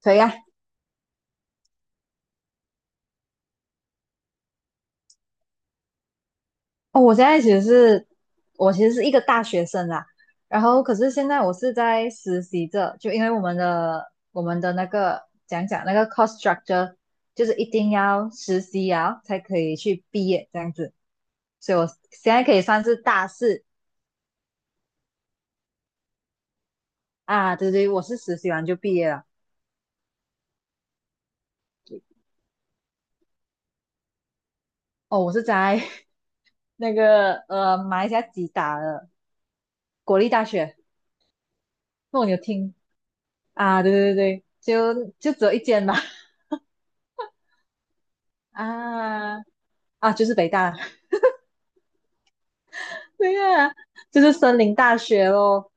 可以啊。哦，我现在其实是，我其实是一个大学生啦，然后可是现在我是在实习着，就因为我们的那个讲讲那个 cost structure，就是一定要实习啊才可以去毕业这样子，所以我现在可以算是大四啊。对对，我是实习完就毕业了。哦，我是在 那个马来西亚吉打的国立大学。那我有听。啊，对对对对，就就只有一间吧。啊啊，就是北大。对呀，就是森林大学咯。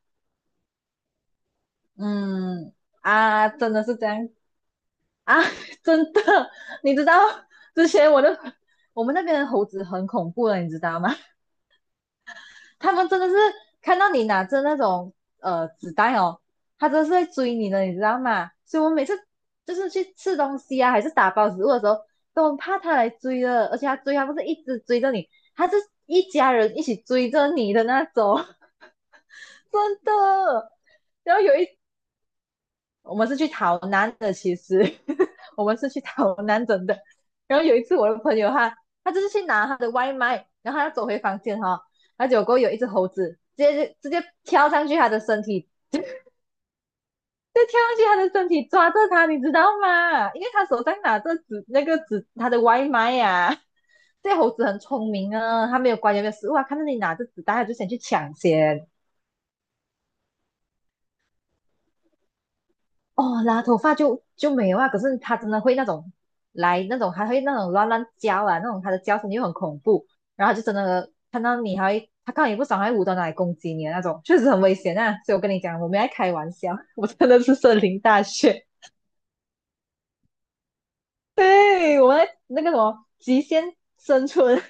嗯，啊，真的是这样啊，真的。你知道之前我们那边的猴子很恐怖的，你知道吗？他们真的是看到你拿着那种纸袋哦，他真的是在追你的，你知道吗？所以我每次就是去吃东西啊，还是打包食物的时候，都很怕他来追的，而且他追他不是一直追着你，他是一家人一起追着你的那种，真的。然后有一我们是去逃难的，其实 我们是去逃难真的。然后有一次我的朋友他他就是去拿他的外卖，然后他要走回房间哈，哦，然后结果有一只猴子直接跳上去他的身体，就跳上去他的身体抓着他，你知道吗？因为他手上拿着纸那个纸，他的外卖呀，啊 这猴子很聪明啊，他没有关有没有食物啊，看到你拿着纸袋，他就想去抢先。哦，拉头发就没有啊，可是它真的会那种来那种，还会那种乱乱叫啊，那种它的叫声就很恐怖，然后它就真的看到你还会，它看到你不爽还会舞到哪里攻击你的那种，确实很危险啊。所以我跟你讲，我没在开玩笑，我真的是森林大学。对，我们在那个什么极限生存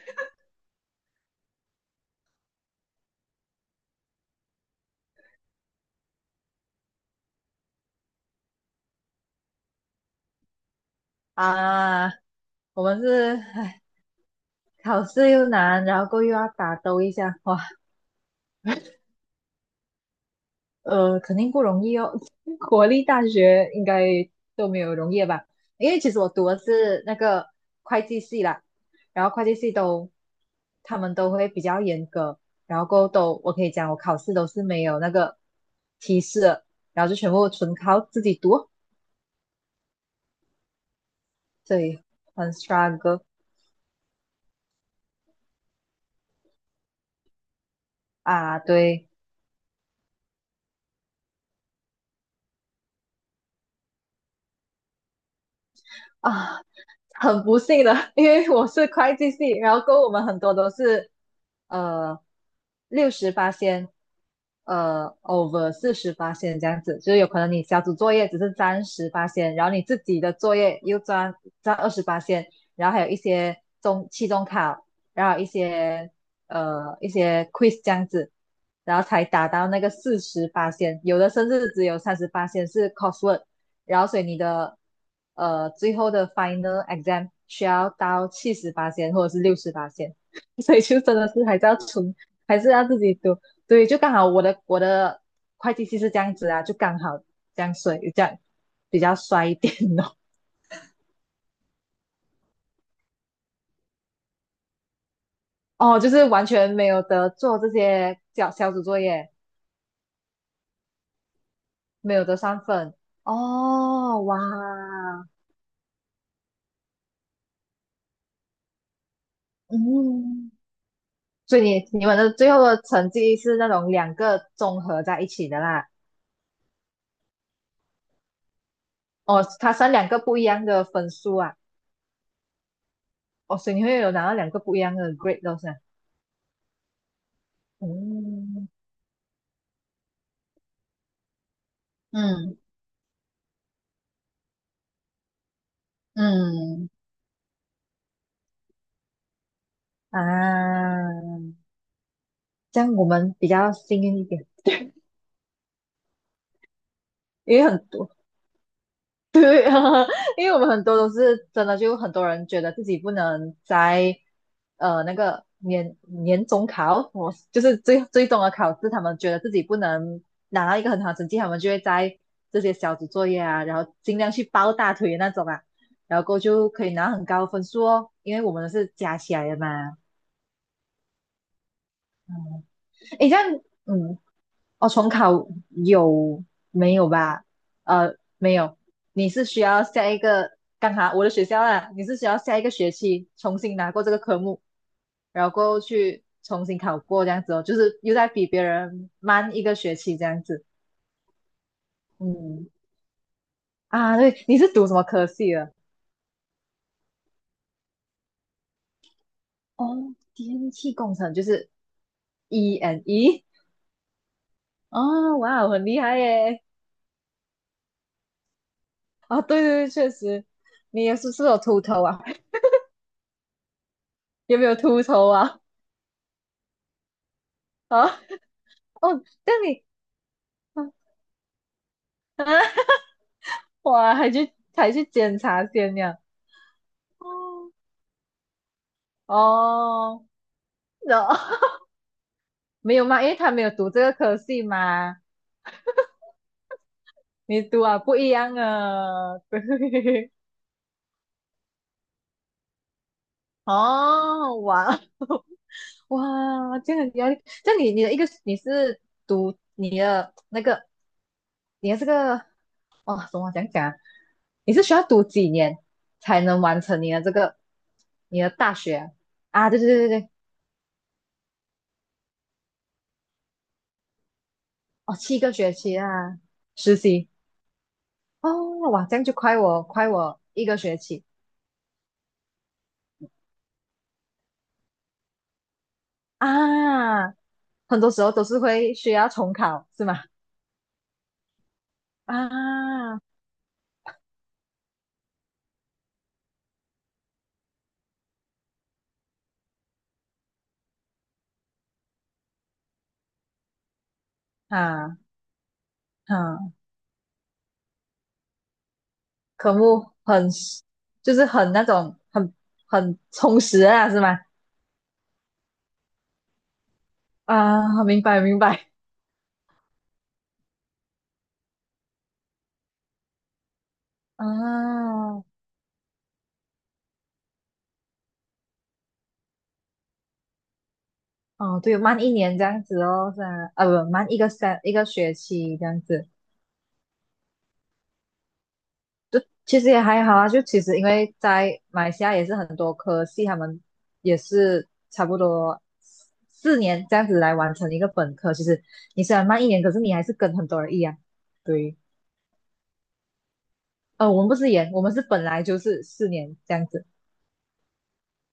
啊，我们是唉，考试又难，然后过后又要打斗一下，哇。肯定不容易哦。国立大学应该都没有容易吧？因为其实我读的是那个会计系啦，然后会计系都，他们都会比较严格，然后过后都我可以讲我考试都是没有那个提示的，然后就全部纯靠自己读，所以很 struggle 啊。对。啊，很不幸的，因为我是会计系，然后跟我们很多都是呃68仙，over 48仙这样子，就是有可能你小组作业只是占十八仙，然后你自己的作业又占，占28仙，然后还有一些中期中考，然后一些一些 quiz 这样子，然后才达到那个四十八仙，有的甚至只有38仙是 coursework。然后所以你的最后的 final exam 需要到78线或者是68线，所以就真的是还是要从，还是要自己读。对，就刚好我的会计系是这样子啊，就刚好这样比较衰一点哦。哦，就是完全没有得做这些小，小组作业，没有得上分。哦，哇，嗯，所以你你们的最后的成绩是那种两个综合在一起的啦。哦，它算两个不一样的分数啊。哦，所以你会有拿到两个不一样的 grade 都是啊。嗯嗯嗯。啊，这样我们比较幸运一点，因为很多 对啊，因为我们很多都是真的，就很多人觉得自己不能在那个年中考，我就是最终的考试，他们觉得自己不能拿到一个很好的成绩，他们就会在这些小组作业啊，然后尽量去抱大腿的那种啊，然后过后就可以拿很高的分数哦，因为我们是加起来的嘛。嗯，诶，这样，嗯，哦，重考有没有吧？没有，你是需要下一个，刚好我的学校啦，你是需要下一个学期重新拿过这个科目，然后过后去重新考过这样子哦，就是又在比别人慢一个学期这样子。嗯，啊对，你是读什么科系的？哦，电气工程就是 E&E。哦，哇，很厉害耶！啊，对对对，确实。你也是不是有秃头啊？有没有秃头啊？啊？哦，这样你，嗯，哇，还去，还去检查先呀？哦，哦，然后 没有嘛，因为他没有读这个科系嘛，你读啊不一样啊，对。哦，哇，哇，这样很压力，这样你你的一个，你是读你的那个，你的这个，哦，怎么讲讲啊，你是需要读几年才能完成你的这个你的大学啊？啊，对对对对。哦，7个学期啊，实习。哦，哇，这样就快我一个学期啊。很多时候都是会需要重考，是吗？啊啊啊，科目很，就是很那种很，很充实啊，是吗？啊，明白明白。啊，哦，对，慢一年这样子哦，是啊，啊不，慢一个学期这样子。其实也还好啊，就其实因为在马来西亚也是很多科系，他们也是差不多四年这样子来完成一个本科。其实你虽然慢一年，可是你还是跟很多人一样。对。我们不是研，我们是本来就是四年这样子。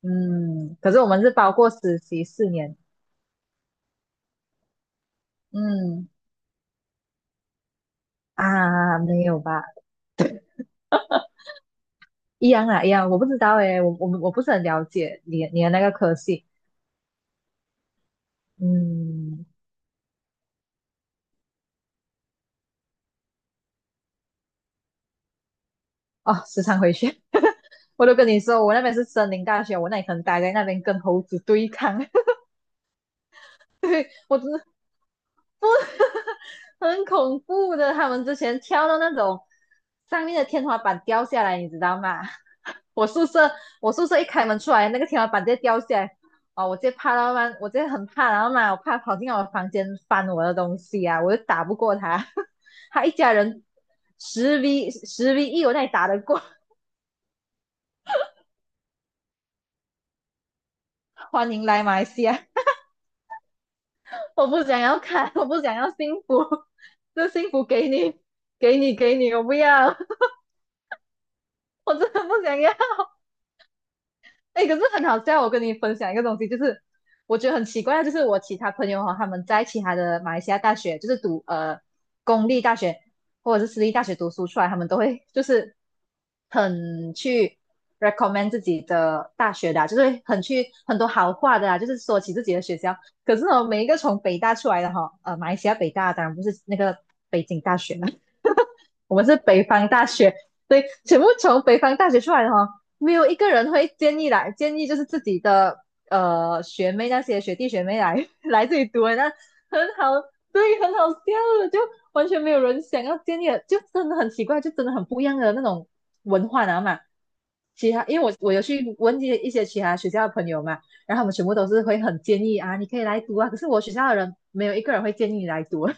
嗯，可是我们是包括实习4年。嗯，啊，没有吧？一样啊，一样。我不知道诶，我我不是很了解你你的那个科系。嗯，哦，时常回去。我都跟你说，我那边是森林大学，我那里可能待在那边跟猴子对抗，我真的很恐怖的。他们之前跳到那种上面的天花板掉下来，你知道吗？我宿舍我宿舍一开门出来，那个天花板直接掉下来，哦，我直接怕到嘛，我直接很怕，然后嘛，我怕跑进我的房间翻我的东西啊，我就打不过他，他一家人十 v 十 v 一，我那里打得过。欢迎来马来西亚。我不想要看，我不想要幸福，这幸福给你，给你，给你，我不要，我真的不想要。哎，可是很好笑，我跟你分享一个东西，就是我觉得很奇怪，就是我其他朋友哈，他们在其他的马来西亚大学，就是读公立大学或者是私立大学读书出来，他们都会就是很去 recommend 自己的大学的啊，就是很去很多好话的啊，就是说起自己的学校。可是呢，每一个从北大出来的哈，呃马来西亚北大当然不是那个北京大学嘛。我们是北方大学。对，全部从北方大学出来的哈，没有一个人会建议来，建议就是自己的学妹，那些学弟学妹来 来这里读的。那很好。对，很好笑的，就完全没有人想要建议的，就真的很奇怪，就真的很不一样的那种文化，然后嘛。其他，因为我有去问一些其他学校的朋友嘛，然后他们全部都是会很建议啊，你可以来读啊。可是我学校的人没有一个人会建议你来读，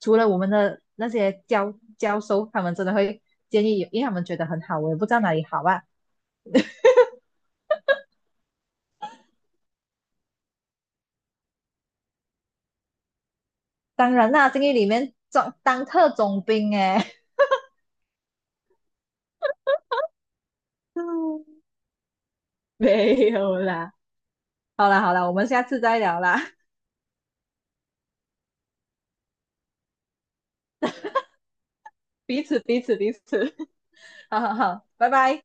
除了我们的那些教授，他们真的会建议，因为他们觉得很好，我也不知道哪里好啊。当然啦，监狱里面总当特种兵哎。没有啦。好啦好啦，我们下次再聊啦。彼此彼此彼此。好好好，拜拜。